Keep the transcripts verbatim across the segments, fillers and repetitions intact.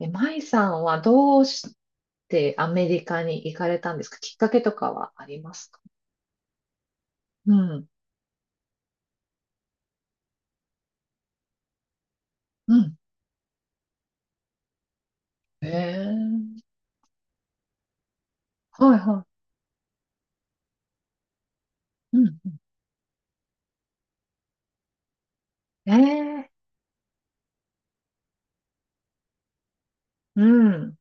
え、舞さんはどうしてアメリカに行かれたんですか？きっかけとかはありますか？うん。うん。ええ。はいはい。うん。ええ。うん。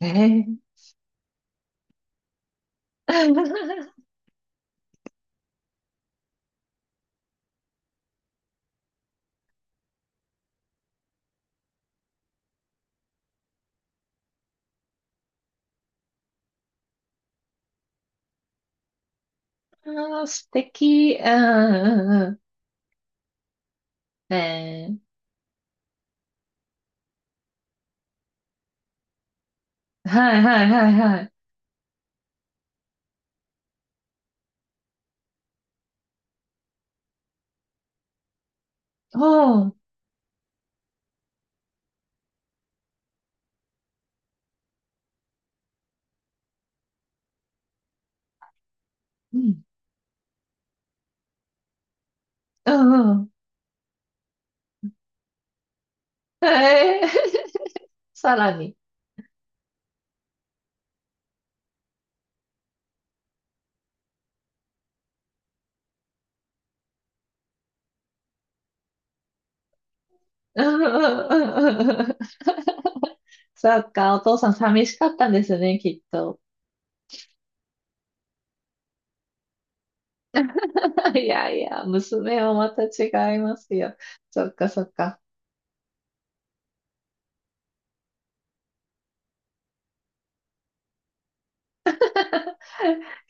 ええ。 あー、素敵。うんうんうん。ええ。はいはいはいはい。おう。うん。うんうん。ええ。 さらに。うんうんうんうんうん。そっか、お父さん寂しかったんですね、きっと。いやいや、娘はまた違いますよ。そっかそっか。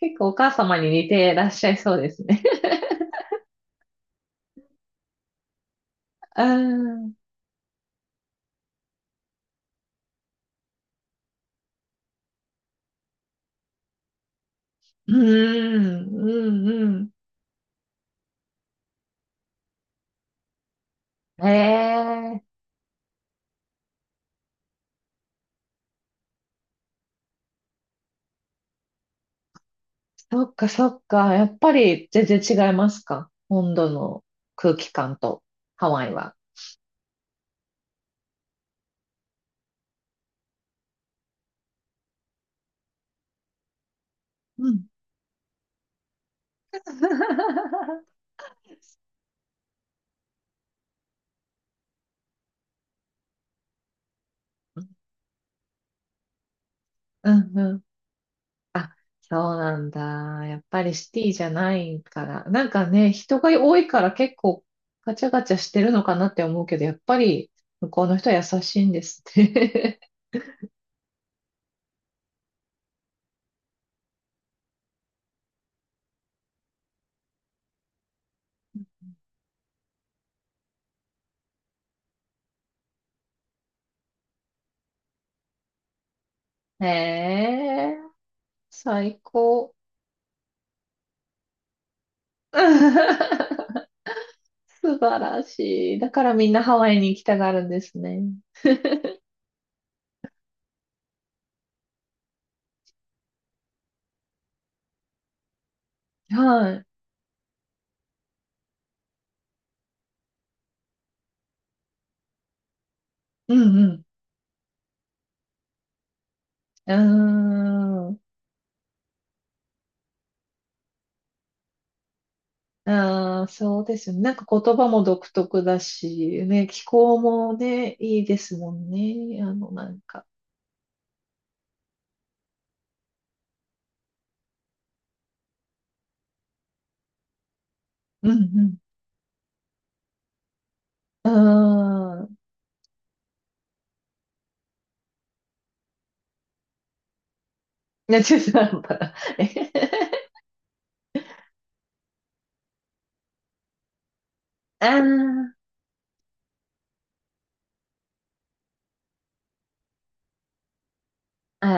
結構お母様に似てらっしゃいそうですね。うん、うん、うん、うん。ええ。そっかそっか。やっぱり全然違いますか、本土の空気感とハワイは。うん。うん、うん。あ、そうなんだ。やっぱりシティじゃないから。なんかね、人が多いから結構ガチャガチャしてるのかなって思うけど、やっぱり向こうの人は優しいんですね。へえ、最高。素晴らしい。だからみんなハワイに行きたがるんですね。はい。うんうん。うーん。ああ、そうですよね。なんか言葉も独特だし、ね、気候もね、いいですもんね。あの、なんか。うんうん。うーん。ね、中途半端な。え。ああ、あ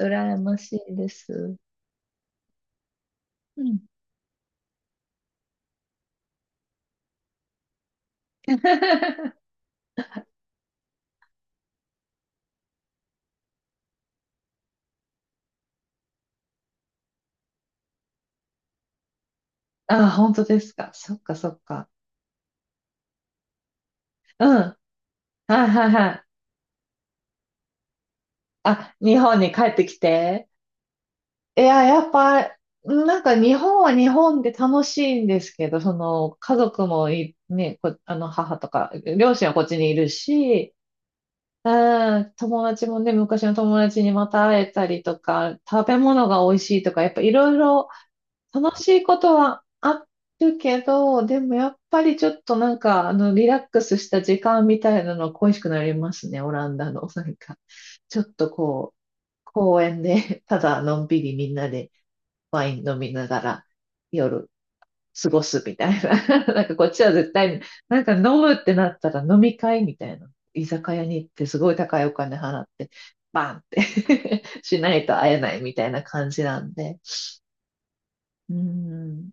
あ、羨ましいです。うん。ああ、本当ですか。そっかそっか。うん。はいはいはい。あ、日本に帰ってきて。いや、やっぱ、なんか日本は日本で楽しいんですけど、その、家族もい、ね、こ、あの、母とか、両親はこっちにいるし、うん、友達もね、昔の友達にまた会えたりとか、食べ物が美味しいとか、やっぱいろいろ楽しいことはあるけど、でもやっぱりちょっとなんか、あの、リラックスした時間みたいなの恋しくなりますね、オランダの。なんか、ちょっとこう、公園でただのんびりみんなで飲みながら、夜過ごすみたいな。なんかこっちは絶対なんか飲むってなったら飲み会みたいな。居酒屋に行ってすごい高いお金払って、バンって しないと会えないみたいな感じなんで。うん。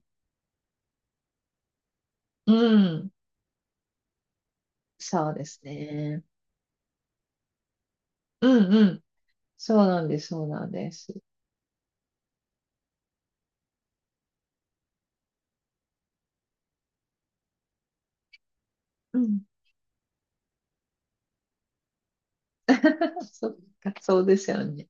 うん。そうですね。うんうん。そうなんです、そうなんです。うん。そっか、そうですよね。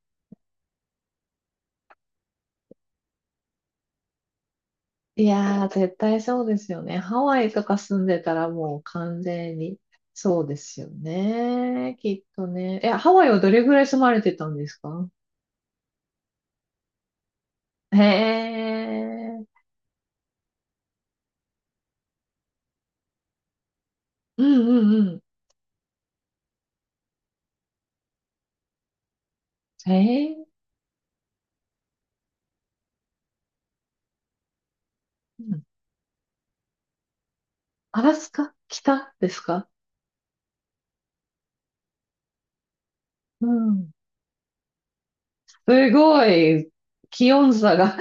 いやー、絶対そうですよね。ハワイとか住んでたらもう完全にそうですよね。きっとね。え、ハワイはどれぐらい住まれてたんですか？へえ。うんうんうん。へえ。うん。アラスカ北ですか？うん。すごい、気温差が。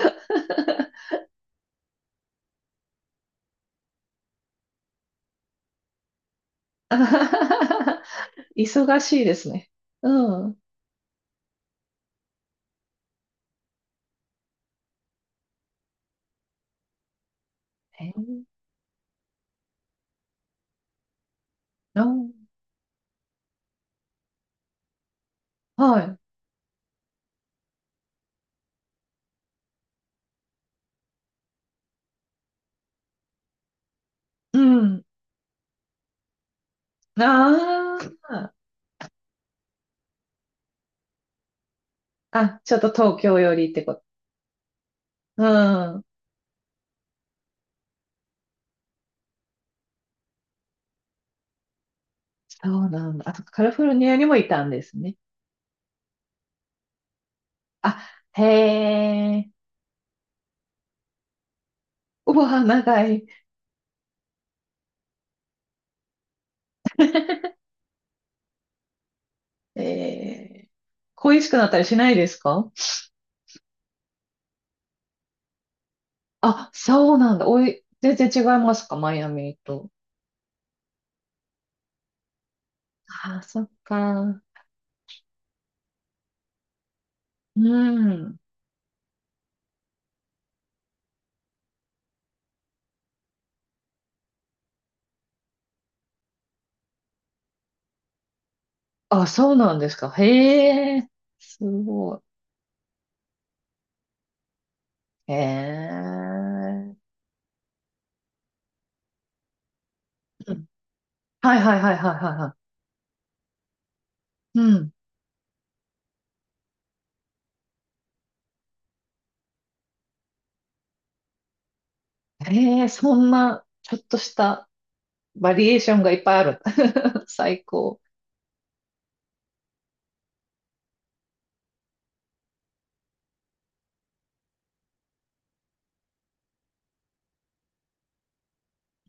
忙しいですね。うん。へえ。あ、はい。うん。ああ。あ、ちょっと東京寄りってこと？うん。そうなんだ。あ、とカリフォルニアにもいたんですね。あ、へえ。うわ、長い。ええ。恋しくなったりしないですか？あ、そうなんだ。おい、全然違いますか、マイアミと。あ、そっか。うん。あ、そうなんですか。へえ。すごい。へえ。うん。はいはいはいはいはいはい。うん。へえ、そんな、ちょっとしたバリエーションがいっぱいある。最高。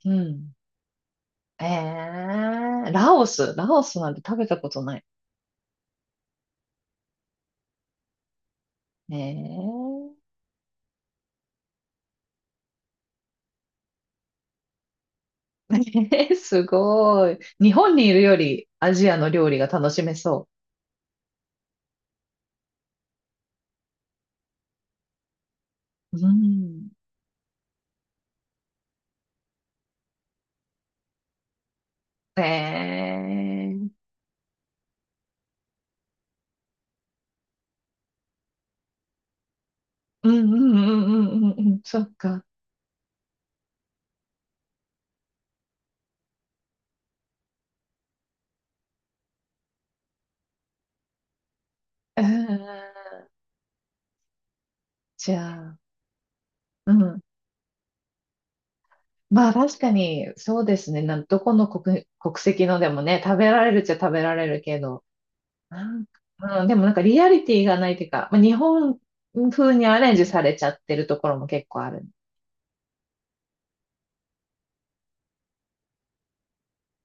うん。ええ。ラオス、ラオスなんて食べたことない。ええ。 すごい。日本にいるよりアジアの料理が楽しめそう。うん。ええ。うんうんうんうんうんうん、そっか。ええ。じゃあ、うん。まあ確かに、そうですね。なんどこの国、国籍のでもね、食べられるっちゃ食べられるけど、なんか、うん、でもなんかリアリティがないというか、まあ、日本風にアレンジされちゃってるところも結構ある。